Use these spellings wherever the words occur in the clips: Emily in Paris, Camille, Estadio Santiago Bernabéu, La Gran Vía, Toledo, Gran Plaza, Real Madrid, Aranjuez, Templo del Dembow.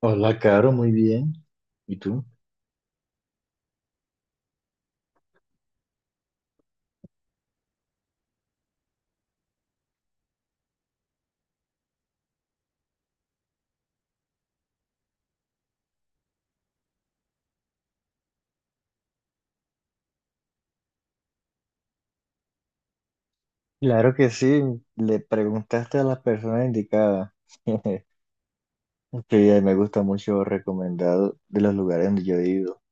Hola, Caro, muy bien. ¿Y tú? Claro que sí, le preguntaste a las personas indicadas. Que me gusta mucho recomendado de los lugares donde yo he ido.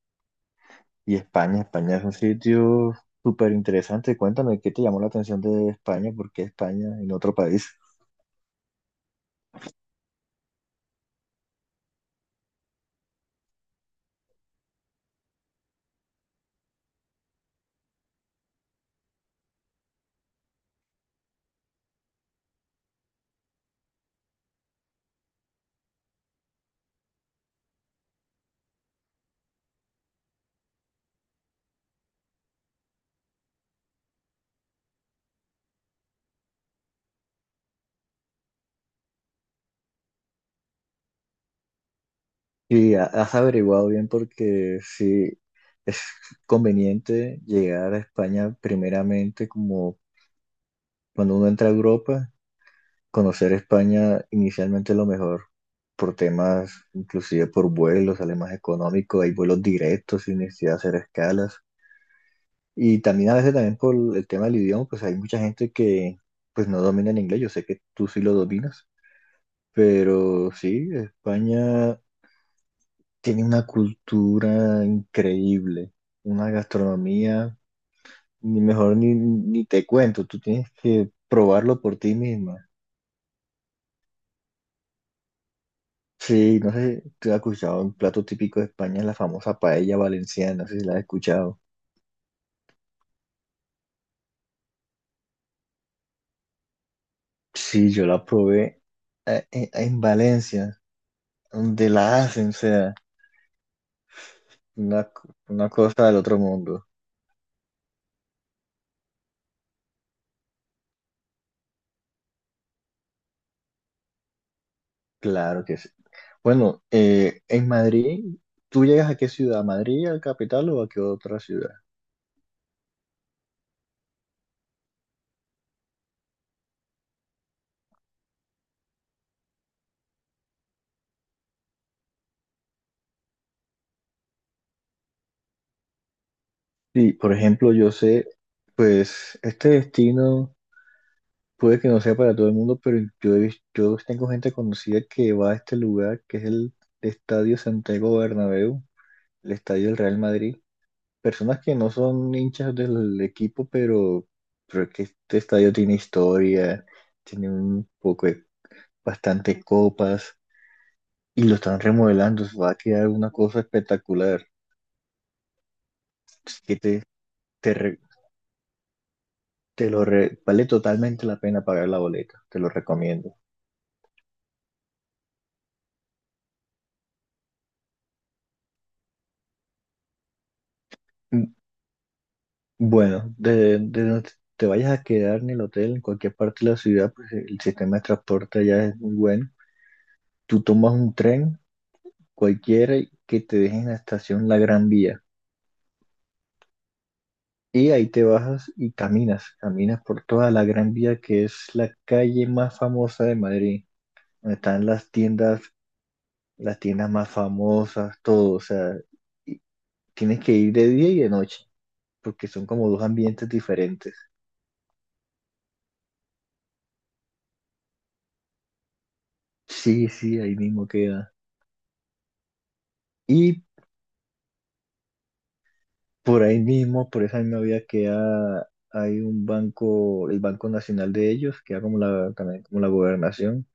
Y España es un sitio súper interesante. Cuéntame, ¿qué te llamó la atención de España? ¿Por qué España en otro país? ¿Has averiguado bien? Porque sí es conveniente llegar a España primeramente como cuando uno entra a Europa. Conocer España inicialmente lo mejor por temas, inclusive por vuelos, sale más económico, hay vuelos directos sin necesidad de hacer escalas. Y también a veces también por el tema del idioma, pues hay mucha gente que pues no domina el inglés, yo sé que tú sí lo dominas, pero sí, España tiene una cultura increíble, una gastronomía, ni mejor ni te cuento, tú tienes que probarlo por ti misma. Sí, no sé si te has escuchado un plato típico de España, la famosa paella valenciana, no sé si la has escuchado. Sí, yo la probé en Valencia, donde la hacen, o sea, una cosa del otro mundo. Claro que sí. Bueno, en Madrid, ¿tú llegas a qué ciudad? ¿A Madrid, al capital o a qué otra ciudad? Sí, por ejemplo, yo sé, pues, este destino puede que no sea para todo el mundo, pero yo, yo tengo gente conocida que va a este lugar, que es el Estadio Santiago Bernabéu, el Estadio del Real Madrid. Personas que no son hinchas del equipo, pero es que este estadio tiene historia, tiene un poco de bastante copas y lo están remodelando. Se va a quedar una cosa espectacular. Así que te, re- te lo re- vale totalmente la pena pagar la boleta, te lo recomiendo. Bueno, de donde te vayas a quedar en el hotel, en cualquier parte de la ciudad, pues el sistema de transporte allá es muy bueno. Tú tomas un tren, cualquiera, que te deje en la estación La Gran Vía. Y ahí te bajas y caminas por toda la Gran Vía, que es la calle más famosa de Madrid, donde están las tiendas más famosas, todo. O sea, y tienes que ir de día y de noche, porque son como dos ambientes diferentes. Sí, sí, ahí mismo queda. Y por ahí mismo, por esa misma vía queda, hay un banco, el Banco Nacional de ellos, queda como la, también como la gobernación.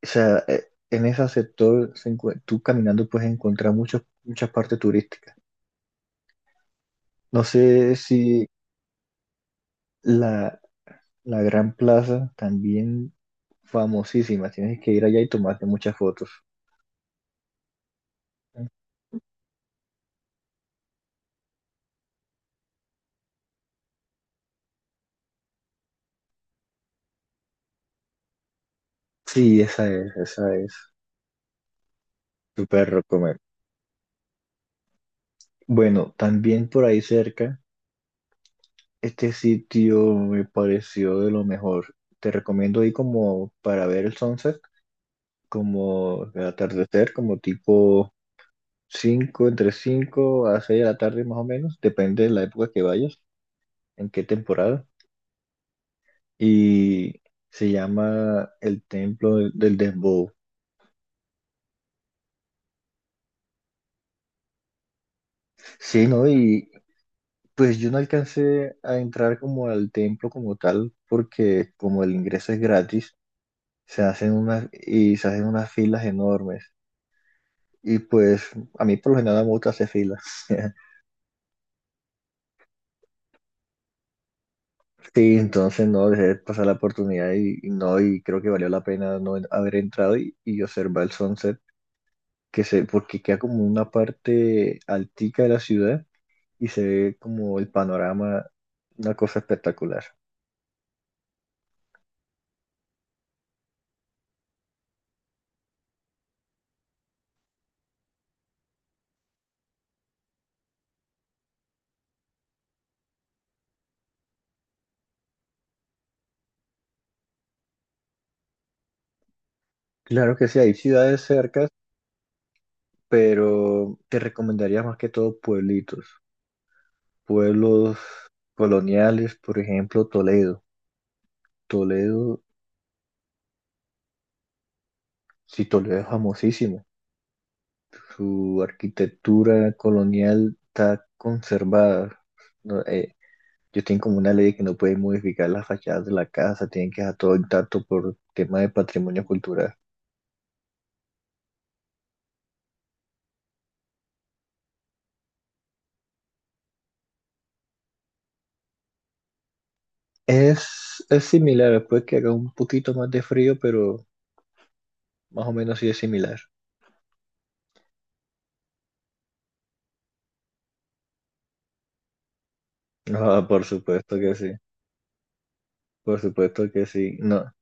O sea, en ese sector, tú caminando puedes encontrar muchas partes turísticas. No sé si la, la Gran Plaza, también famosísima, tienes que ir allá y tomarte muchas fotos. Sí, esa es. Súper recomendable. Bueno, también por ahí cerca. Este sitio me pareció de lo mejor. Te recomiendo ir como para ver el sunset, como el atardecer, como tipo 5 entre 5 a 6 de la tarde más o menos, depende de la época que vayas, en qué temporada. Y se llama el Templo del Dembow. Sí, ¿no? Y pues yo no alcancé a entrar como al templo como tal, porque como el ingreso es gratis, se hacen unas filas enormes. Y pues a mí por lo general no me gusta hacer filas. Sí, entonces no dejé pasar la oportunidad y no, y creo que valió la pena no en- haber entrado y observar el sunset, porque queda como una parte altica de la ciudad y se ve como el panorama, una cosa espectacular. Claro que sí, hay ciudades cercas, pero te recomendaría más que todo pueblitos, pueblos coloniales, por ejemplo, Toledo. Toledo, sí, Toledo es famosísimo. Su arquitectura colonial está conservada. No, ellos tienen como una ley que no pueden modificar las fachadas de la casa, tienen que dejar todo intacto por tema de patrimonio cultural. Es similar, después que haga un poquito más de frío, pero más o menos sí es similar. Ah, por supuesto que sí, por supuesto que sí. No,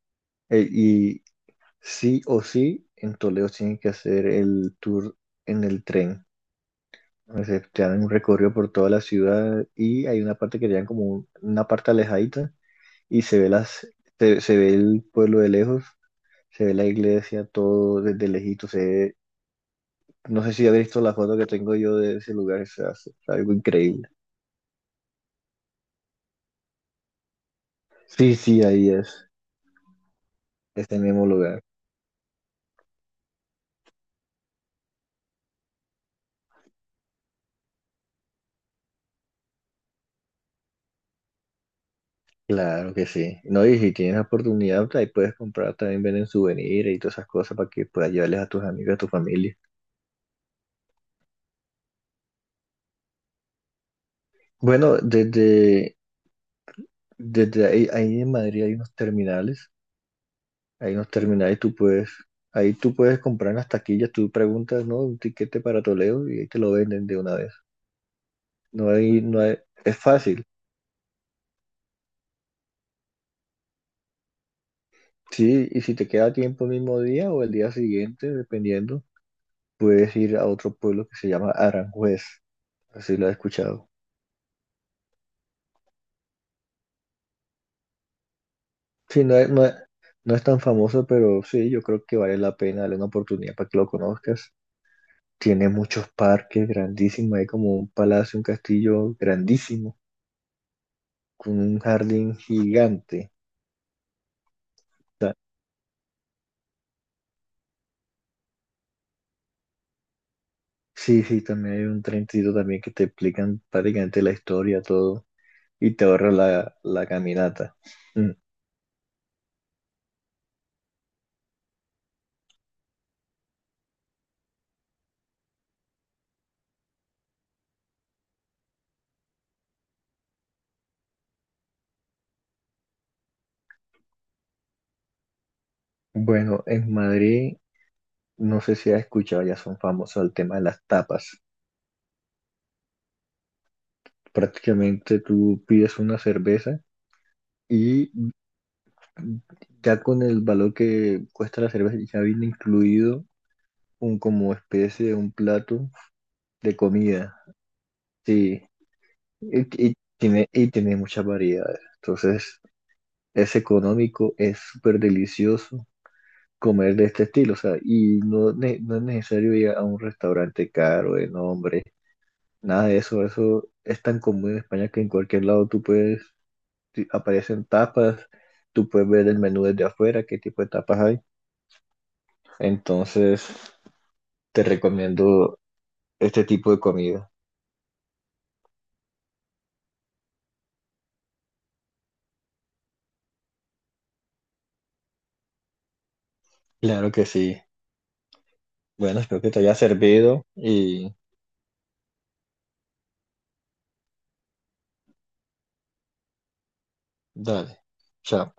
y sí o sí, en Toledo tienen que hacer el tour en el tren. Se te dan un recorrido por toda la ciudad y hay una parte que te como una parte alejadita y se ve el pueblo de lejos, se ve la iglesia, todo desde lejito, no sé si has visto la foto que tengo yo de ese lugar, es algo increíble. Sí, sí, ahí es el mismo lugar. Claro que sí. No, y si tienes la oportunidad, ahí puedes comprar también, venden souvenirs y todas esas cosas para que puedas llevarles a tus amigos, a tu familia. Bueno, desde ahí, ahí en Madrid hay unos terminales. Ahí nos termina y ahí tú puedes comprar en las taquillas, tú preguntas, ¿no? Un tiquete para Toledo y ahí te lo venden de una vez. No hay, es fácil. Sí, y si te queda tiempo el mismo día o el día siguiente, dependiendo, puedes ir a otro pueblo que se llama Aranjuez, así lo he escuchado. Sí, no es tan famoso, pero sí, yo creo que vale la pena darle una oportunidad para que lo conozcas. Tiene muchos parques grandísimos, hay como un palacio, un castillo grandísimo, con un jardín gigante. Sí, sí, también hay un trencito también que te explican prácticamente la historia, todo, y te ahorra la caminata. Mm. Bueno, en Madrid, no sé si has escuchado, ya son famosos el tema de las tapas. Prácticamente tú pides una cerveza y ya con el valor que cuesta la cerveza ya viene incluido un como especie de un plato de comida. Sí, y tiene muchas variedades. Entonces, es económico, es súper delicioso comer de este estilo, o sea, no es necesario ir a un restaurante caro, de nombre, nada de eso, eso es tan común en España que en cualquier lado aparecen tapas, tú puedes ver el menú desde afuera, qué tipo de tapas hay, entonces te recomiendo este tipo de comida. Claro que sí. Bueno, espero que te haya servido y dale, chao.